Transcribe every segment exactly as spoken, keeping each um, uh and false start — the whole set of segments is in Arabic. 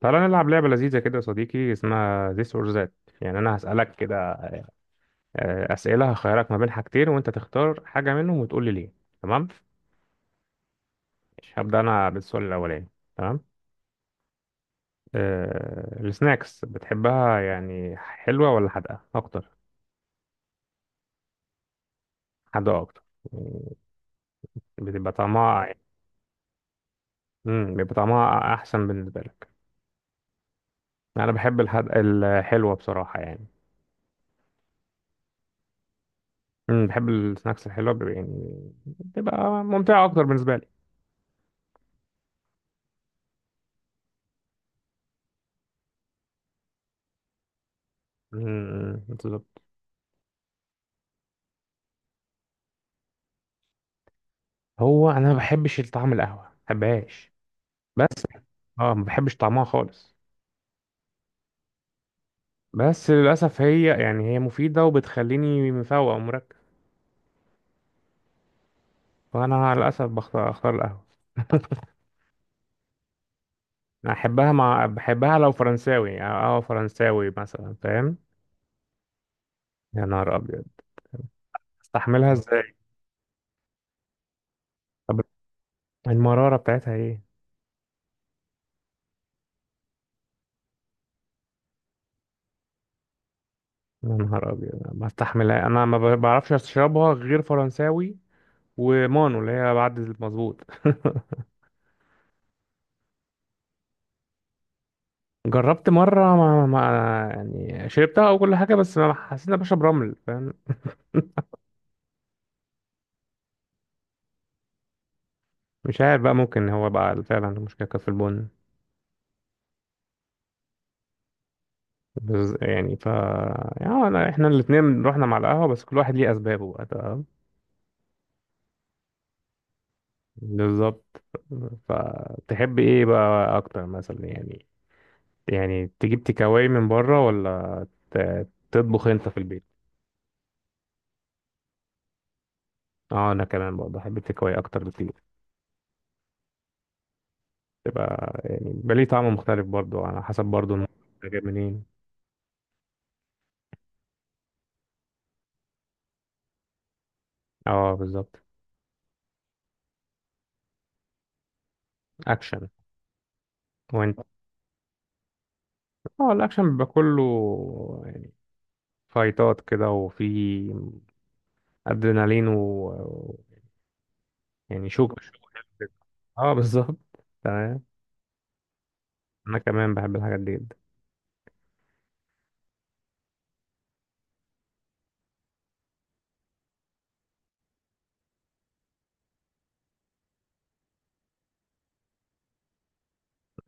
تعالى نلعب لعبة لذيذة كده يا صديقي اسمها this or that. يعني أنا هسألك كده، آه، أسئلة هخيرك ما بين حاجتين وأنت تختار حاجة منهم وتقول لي ليه. تمام. مش هبدأ أنا بالسؤال الأولاني. تمام. أه السناكس بتحبها يعني حلوة ولا حادقة أكتر؟ حادقة أكتر يعني، بتبقى طعمها، امم بيبقى طعمها أحسن بالنسبة لك. أنا بحب الحد... الحلوة بصراحة يعني. امم بحب السناكس الحلوة، بيبقى- يعني بتبقى ممتعة أكتر بالنسبة لي. امم بالظبط. هو انا ما بحبش طعم القهوه، ما بحبهاش بس. اه ما بحبش طعمها خالص. بس للاسف هي، يعني هي مفيده وبتخليني مفوق ومركز، فانا للاسف بختار اختار القهوه. أنا احبها مع بحبها لو فرنساوي، يعني اه فرنساوي مثلا فاهم. يا نهار ابيض، استحملها ازاي؟ طب المراره بتاعتها ايه؟ يا نهار ابيض، ما استحملها انا، ما بعرفش اشربها غير فرنساوي ومانو اللي هي بعد المظبوط. جربت مرة ما, ما يعني شربتها وكل حاجة، بس ما حسيت إن أنا بشرب رمل فاهم. مش عارف بقى، ممكن هو بقى فعلا المشكلة كانت في البن. بس يعني ف يعني أنا، إحنا الاتنين رحنا مع القهوة، بس كل واحد ليه أسبابه بقى، تمام. بالظبط. فتحب إيه بقى أكتر مثلا يعني؟ يعني تجيب تيكاواي من بره ولا ت- تطبخ أنت في البيت؟ اه انا كمان برضه بحب التيكاواي اكتر بكتير. تبقى يعني بيبقى ليه طعم مختلف برضه، على حسب برضه المكان. جايب منين؟ اه بالظبط. اكشن. وانت؟ اه الاكشن بيبقى كله يعني فايتات كده، وفي ادرينالين و و- يعني شوك شوك كده. اه بالظبط. تمام. انا كمان بحب الحاجات دي جدا.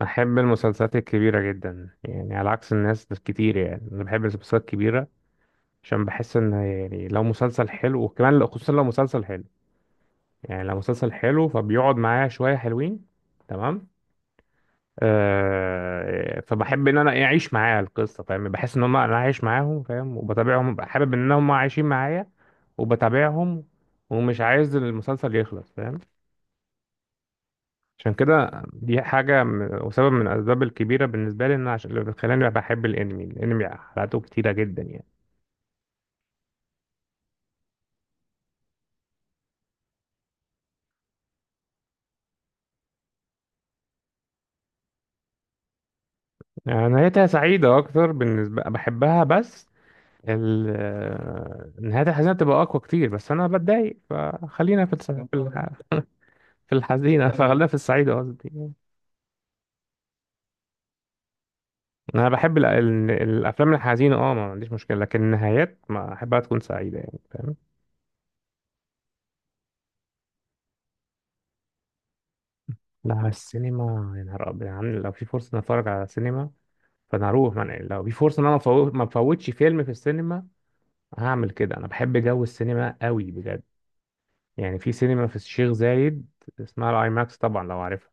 بحب المسلسلات الكبيرة جدا يعني، على عكس الناس كتير، يعني انا بحب المسلسلات الكبيرة. عشان بحس ان يعني لو مسلسل حلو، وكمان لو- خصوصا لو مسلسل حلو، يعني لو مسلسل حلو فبيقعد معايا شوية حلوين. تمام. آه، فبحب ان انا إيه اعيش معاه القصه فاهم، بحس ان هم انا عايش معاهم فاهم، وبتابعهم ببقى حابب ان هم عايشين معايا وبتابعهم، ومش عايز المسلسل يخلص فاهم. عشان كده دي حاجه م- وسبب من الاسباب الكبيره بالنسبه لي، ان أنا عشان اللي بتخليني بحب الانمي، الانمي حلقاته كتيره جدا يعني. آه، نهايتها سعيده اكتر بالنسبه، بحبها بس. ال- آه، نهايتها الحزينه بتبقى اقوى كتير، بس انا بتضايق فخلينا في الس- في الح- في الحزينه، فخلينا في السعيده قصدي. انا بحب ال- ال- الافلام الحزينه اه، ما عنديش مشكله، لكن النهايات ما احبها تكون سعيده يعني فاهم. لا السينما، يا نهار ابيض، يعني لو في فرصه إني اتفرج على السينما فانا هروح. يعني لو في فرصه ان انا أفوت، ما افوتش فيلم في السينما، هعمل كده. انا بحب جو السينما قوي بجد. يعني في سينما في الشيخ زايد اسمها الاي ماكس، طبعا لو عارفها.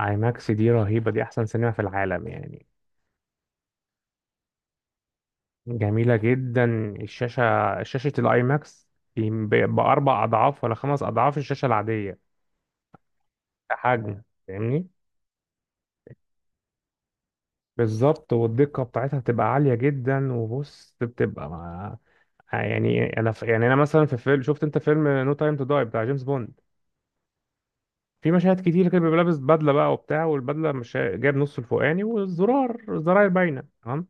اي ماكس دي رهيبه، دي احسن سينما في العالم يعني. جميله جدا الشاشه، شاشه الاي ماكس باربع اضعاف ولا خمس اضعاف الشاشه العاديه. حجم، فاهمني؟ بالظبط. والدقة بتاعتها بتبقى عالية جدا، وبص بتبقى مع، يعني انا ف، يعني انا مثلا في فيلم، شفت انت فيلم نو تايم تو داي بتاع جيمس بوند؟ في مشاهد كتير كده بيبقى لابس بدلة بقى وبتاع، والبدلة مش جايب نص الفوقاني، والزرار الزراير باينة تمام.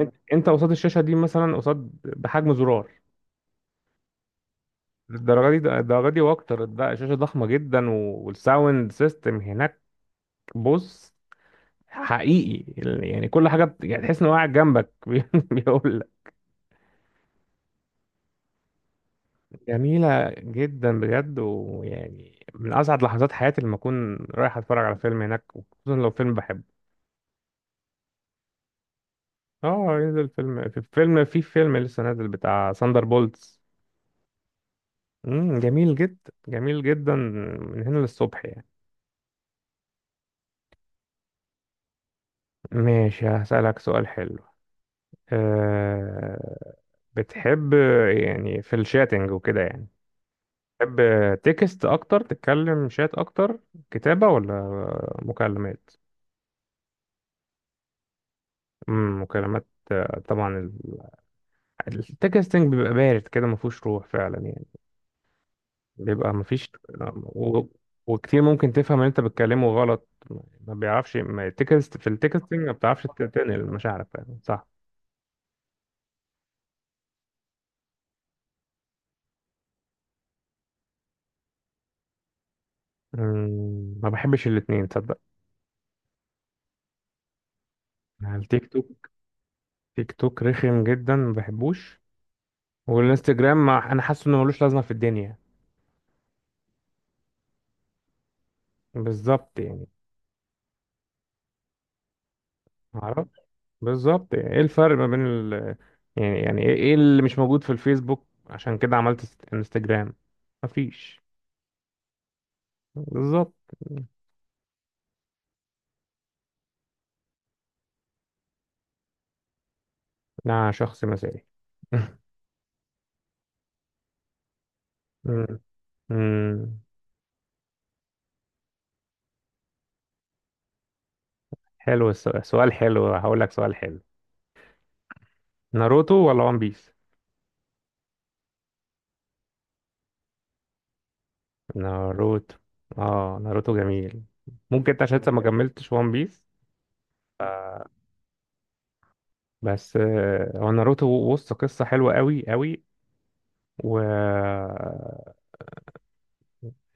انت أنت قصاد الشاشة دي، مثلا قصاد بحجم زرار. الدرجة دي الدرجة دي واكتر، ده الشاشة ضخمة جدا و- والساوند سيستم هناك بص، حقيقي، يعني كل حاجة بت- يعني تحس انه قاعد جنبك بيقول. جميلة جدا بجد، ويعني من أسعد لحظات حياتي لما أكون رايح أتفرج على فيلم هناك، خصوصا لو فيلم بحبه. اه ينزل فيلم في فيلم في فيلم لسه نازل بتاع ساندر بولتس. امم جميل جدا جميل جدا، من هنا للصبح يعني. ماشي، هسألك سؤال حلو. أه بتحب، يعني في الشاتنج وكده يعني، بتحب تكست أكتر؟ تتكلم شات أكتر؟ كتابة ولا مكالمات؟ امم مكالمات طبعا. التكستنج بيبقى بارد كده، ما فيهوش روح فعلا يعني، بيبقى ما فيش و... وكتير ممكن تفهم ان انت بتكلمه غلط، ما بيعرفش، ما التكست في التكستنج ما بتعرفش ت- تنقل مشاعرك فعلا، صح؟ أمم، ما بحبش الاتنين تصدق. يعني التيك توك، تيك توك رخم جدا ما بحبوش. والانستجرام ما، انا حاسه انه ملوش لازمه في الدنيا. بالظبط يعني. ما اعرفش بالظبط يعني ايه الفرق ما بين ال، يعني يعني ايه إيه اللي مش موجود في الفيسبوك عشان كده عملت است- انستجرام؟ مفيش. بالظبط. أنا شخص مثالي. مم. مم. حلو السؤال، سؤال حلو، هقول لك سؤال حلو. ناروتو ولا وان بيس؟ ناروتو. اه ناروتو جميل. ممكن انت عشان انت ما كملتش وان بيس. بس آه، هو ناروتو بص، قصة حلوة قوي قوي، و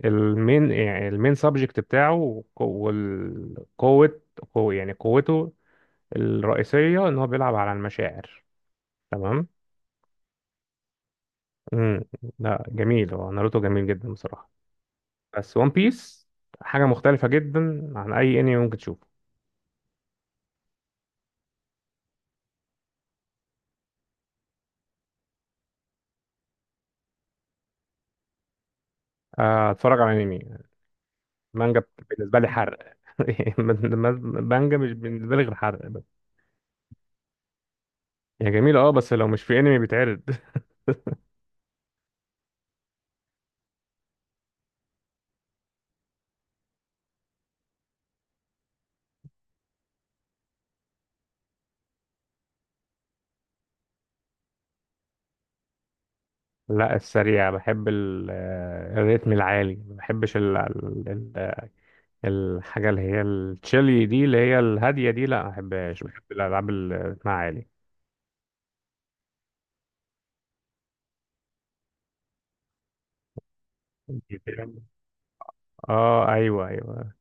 المين يعني المين سبجكت بتاعه والقوة، قوة يعني قوته الرئيسية ان هو بيلعب على المشاعر. تمام. امم لا جميل، هو ناروتو جميل جدا بصراحة، بس ون بيس حاجة مختلفة جدا عن أي أنمي ممكن تشوفه. آه، أتفرج على أنمي. مانجا بالنسبة لي حرق. مانجا مش بالنسبة لي غير حرق بس. هي جميلة أه، بس لو مش في أنمي بيتعرض. لا السريع. بحب ال- آه، الريتم العالي، ما بحبش ال- ال- ال- الحاجة اللي هي التشيلي دي، اللي هي الهادية دي، لا ما بحبهاش. بحب الألعاب اللي رتمها عالي. اه ايوه ايوه.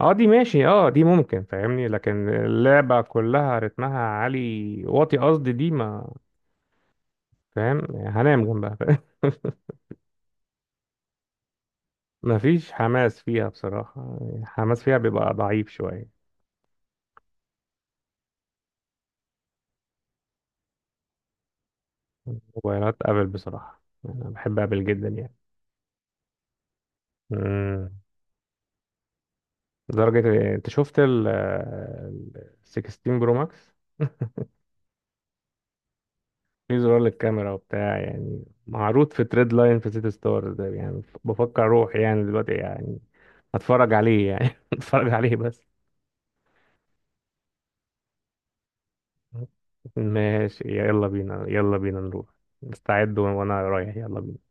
اه دي ماشي، اه دي ممكن فاهمني، لكن اللعبة كلها رتمها عالي واطي قصدي، دي ما، فاهم هنام جنبها فاهم؟ مفيش حماس فيها بصراحة، حماس فيها بيبقى ضعيف شوية. موبايلات ابل بصراحة، انا بحب ابل جدا يعني. امم لدرجة إيه؟ انت شفت ال ال- ستاشر برو ماكس؟ في زرار للكاميرا وبتاع يعني، معروض في تريد لاين في سيتي ستارز ده، يعني بفكر اروح يعني دلوقتي يعني، هتفرج عليه يعني. هتفرج عليه بس. ماشي يلا بينا، يلا بينا نروح. مستعد وانا رايح، يلا بينا.